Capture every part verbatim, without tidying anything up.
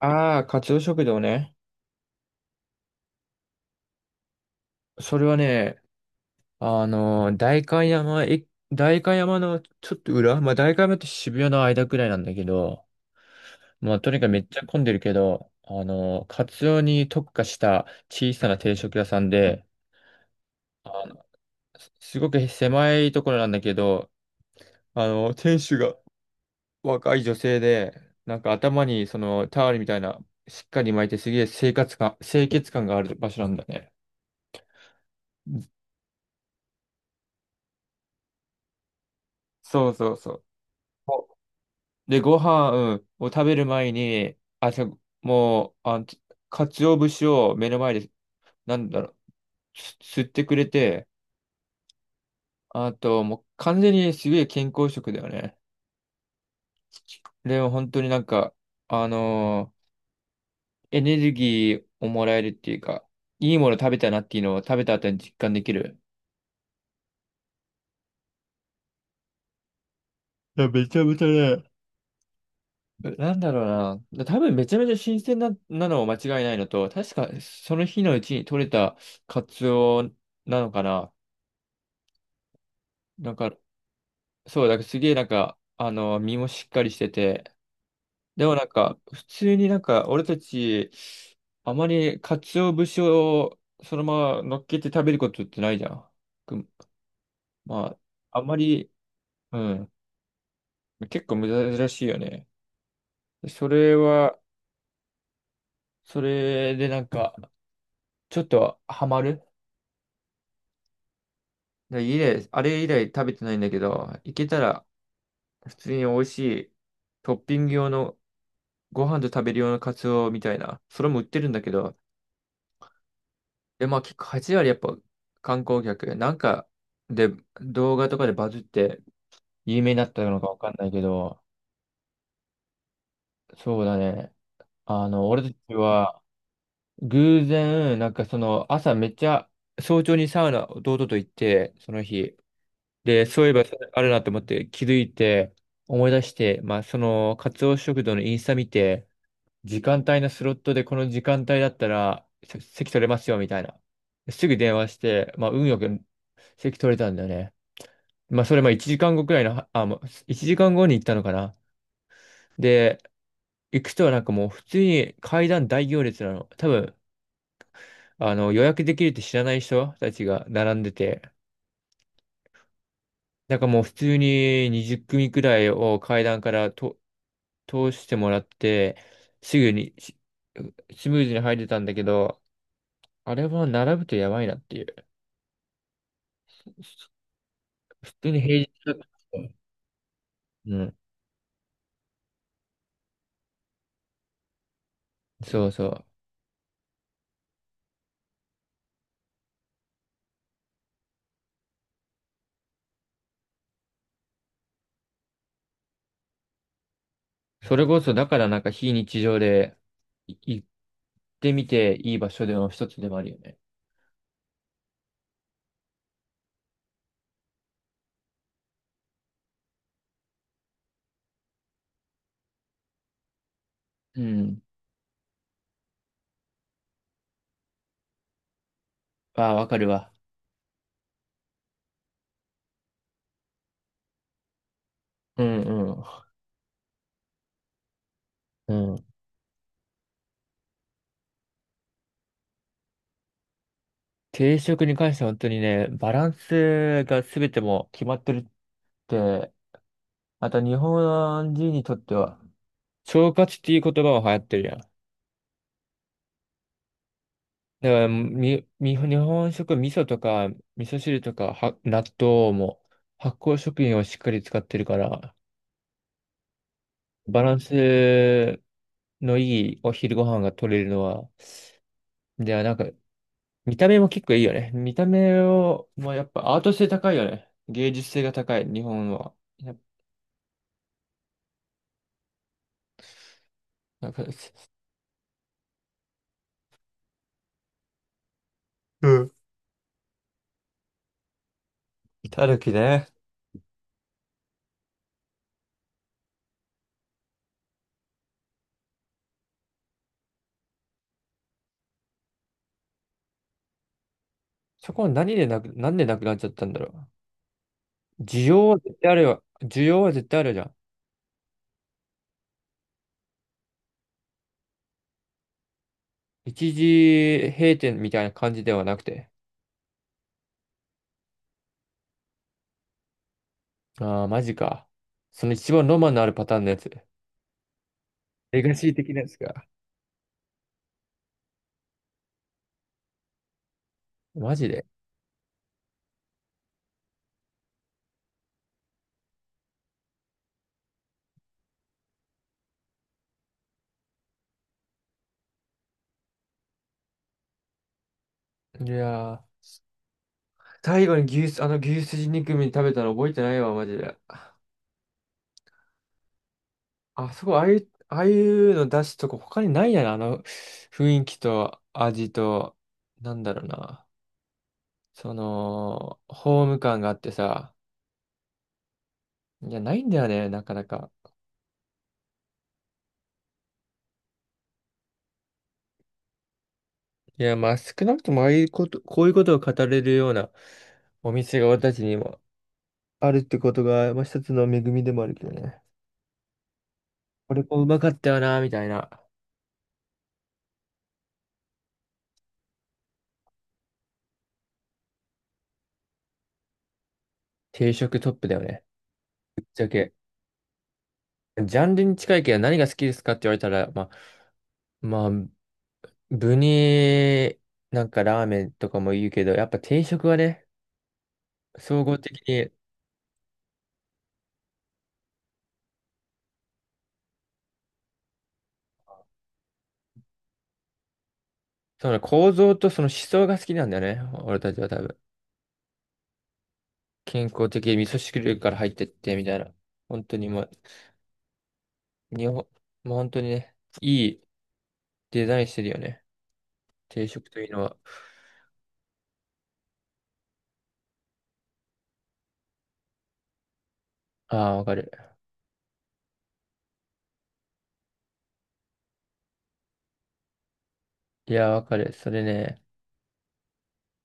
ああ、カツオ食堂ね。それはね、あのー、代官山、え、代官山のちょっと裏、まあ、代官山って渋谷の間くらいなんだけど、まあ、とにかくめっちゃ混んでるけど、あのー、カツオに特化した小さな定食屋さんで、あの、すすごく狭いところなんだけど、あの、店主が若い女性で、なんか頭にそのタオルみたいな、しっかり巻いてすげえ生活感、清潔感がある場所なんだね。そうそうそう。で、ご飯、うんを食べる前に、あ、じゃあもう、あ、鰹節を目の前で、なんだろう、す吸ってくれて、あと、もう完全にすげえ健康食だよね。でも本当になんか、あのーエネルギーをもらえるっていうか、いいもの食べたなっていうのを食べた後に実感できる。いや、めちゃめちゃね、なんだろうな。多分めちゃめちゃ新鮮な、なのは間違いないのと、確かその日のうちに取れたカツオなのかな。だかそう、だからすげえなんか、あの、身もしっかりしてて、でもなんか、普通になんか、俺たち、あまり鰹節をそのまま乗っけて食べることってないじゃん。くまあ、あまり、うん、結構珍しいよね。それは、それでなんか、ちょっとハマる。で以来、あれ以来食べてないんだけど、いけたら、普通に美味しい、トッピング用の、ご飯と食べる用のカツオみたいな、それも売ってるんだけど、で、まあ結構はちわり割やっぱ観光客、なんかで動画とかでバズって有名になったのかわかんないけど、そうだね。あの、俺たちは偶然、なんかその朝めっちゃ早朝にサウナ弟と行って、その日。で、そういえばそれあるなと思って気づいて思い出して、まあそのカツオ食堂のインスタ見て、時間帯のスロットでこの時間帯だったらせ席取れますよみたいな。すぐ電話して、まあ運よく席取れたんだよね。まあ、それまあいちじかんごくらいの、あ、もういちじかんごに行ったのかな。で、行くとなんかもう普通に階段大行列なの。多分、あの、予約できるって知らない人たちが並んでて、なんかもう普通ににじゅっくみ組くらいを階段からと通してもらって、すぐにしスムーズに入れたんだけど、あれは並ぶとやばいなっていう。普通に平日だった。うん。そうそう。それこそ、だからなんか非日常でい行ってみていい場所での一つでもあるよね。うん。ああ、わかるわ。うんうん。うん。定食に関しては本当にね、バランスが全てもう決まってるって、また日本人にとっては、腸活っていう言葉も流行ってるやん。だからみ、み、日本食、味噌とか、味噌汁とか、は、納豆も、発酵食品をしっかり使ってるから、バランスのいいお昼ご飯が取れるのは、ではなんか、見た目も結構いいよね。見た目を、まあやっぱアート性高いよね。芸術性が高い、日本は。やっぱ、なんか。うん。たぬきね。そこは何でなく、なんでなくなっちゃったんだろう。需要は絶対あるよ。需要は絶対あるじゃん。一時閉店みたいな感じではなくて。ああ、マジか。その一番ロマンのあるパターンのやつ。レガシー的なやつか。マジで。いやー。最後に牛す、あの牛すじ肉み食べたの覚えてないわ、マジで。あそこ、ああいう、ああいうの出すとこ他にないやな、あの雰囲気と味と、なんだろうな。その、ホーム感があってさ。いや、ないんだよね、なかなか。いや、まあ、少なくともああいうこと、こういうことを語れるようなお店が私たちにもあるってことが、まあ、一つの恵みでもあるけどね。これもうまかったよな、みたいな。定食トップだよね。ぶっちゃけ。ジャンルに近いけど何が好きですかって言われたら、まあ、まあ、具に、なんかラーメンとかも言うけど、やっぱ定食はね、総合的に、その構造とその思想が好きなんだよね。俺たちは多分。健康的に味噌汁から入ってって、みたいな。本当にもう、日本、もう本当にね、いいデザインしてるよね。定食というのは。ああ、わかる。いや、わかる。それね。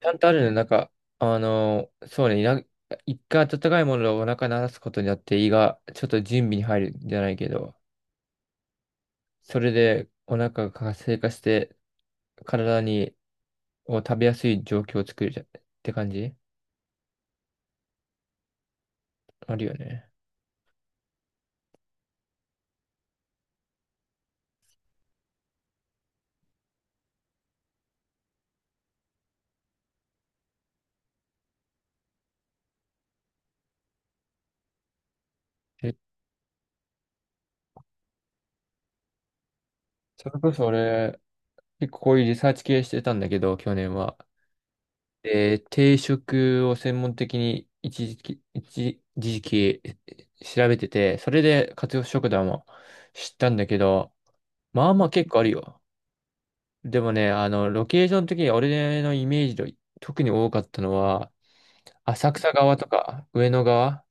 ちゃんとあるね。なんか、あのーそうね、いな一回温かいものをお腹にらすことによって胃がちょっと準備に入るんじゃないけど、それでお腹が活性化して体にを食べやすい状況を作るじゃって感じあるよね。え、それこそ俺、結構こういうリサーチ系してたんだけど、去年は。で、定食を専門的に一時期、一時期調べてて、それで活用食堂も知ったんだけど、まあまあ結構あるよ。でもね、あの、ロケーション的に俺のイメージで特に多かったのは、浅草側とか上野側、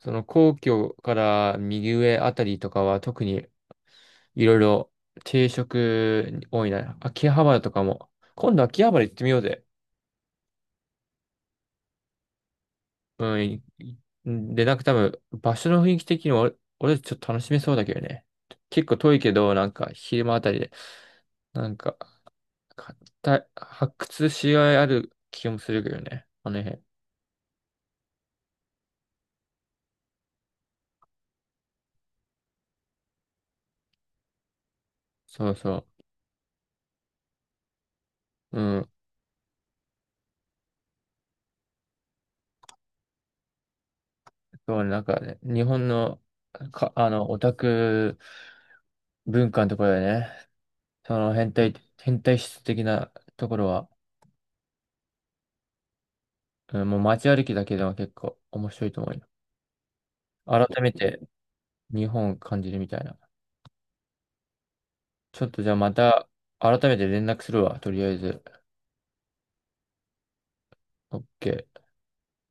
その皇居から右上あたりとかは特にいろいろ定食多いな。秋葉原とかも。今度秋葉原行ってみようぜ。うん。いで、なんか多分場所の雰囲気的に俺、俺ちょっと楽しめそうだけどね。結構遠いけど、なんか昼間あたりで、なんか、かた発掘しがいある気もするけどね。あの辺。そうそう。うん、そうね、なんかね、日本の、か、あの、オタク文化のところでね、その変態、変態質的なところは、うん、もう街歩きだけでも結構面白いと思うよ。改めて日本を感じるみたいな。ちょっとじゃあまた、改めて連絡するわ、とりあえず。OK。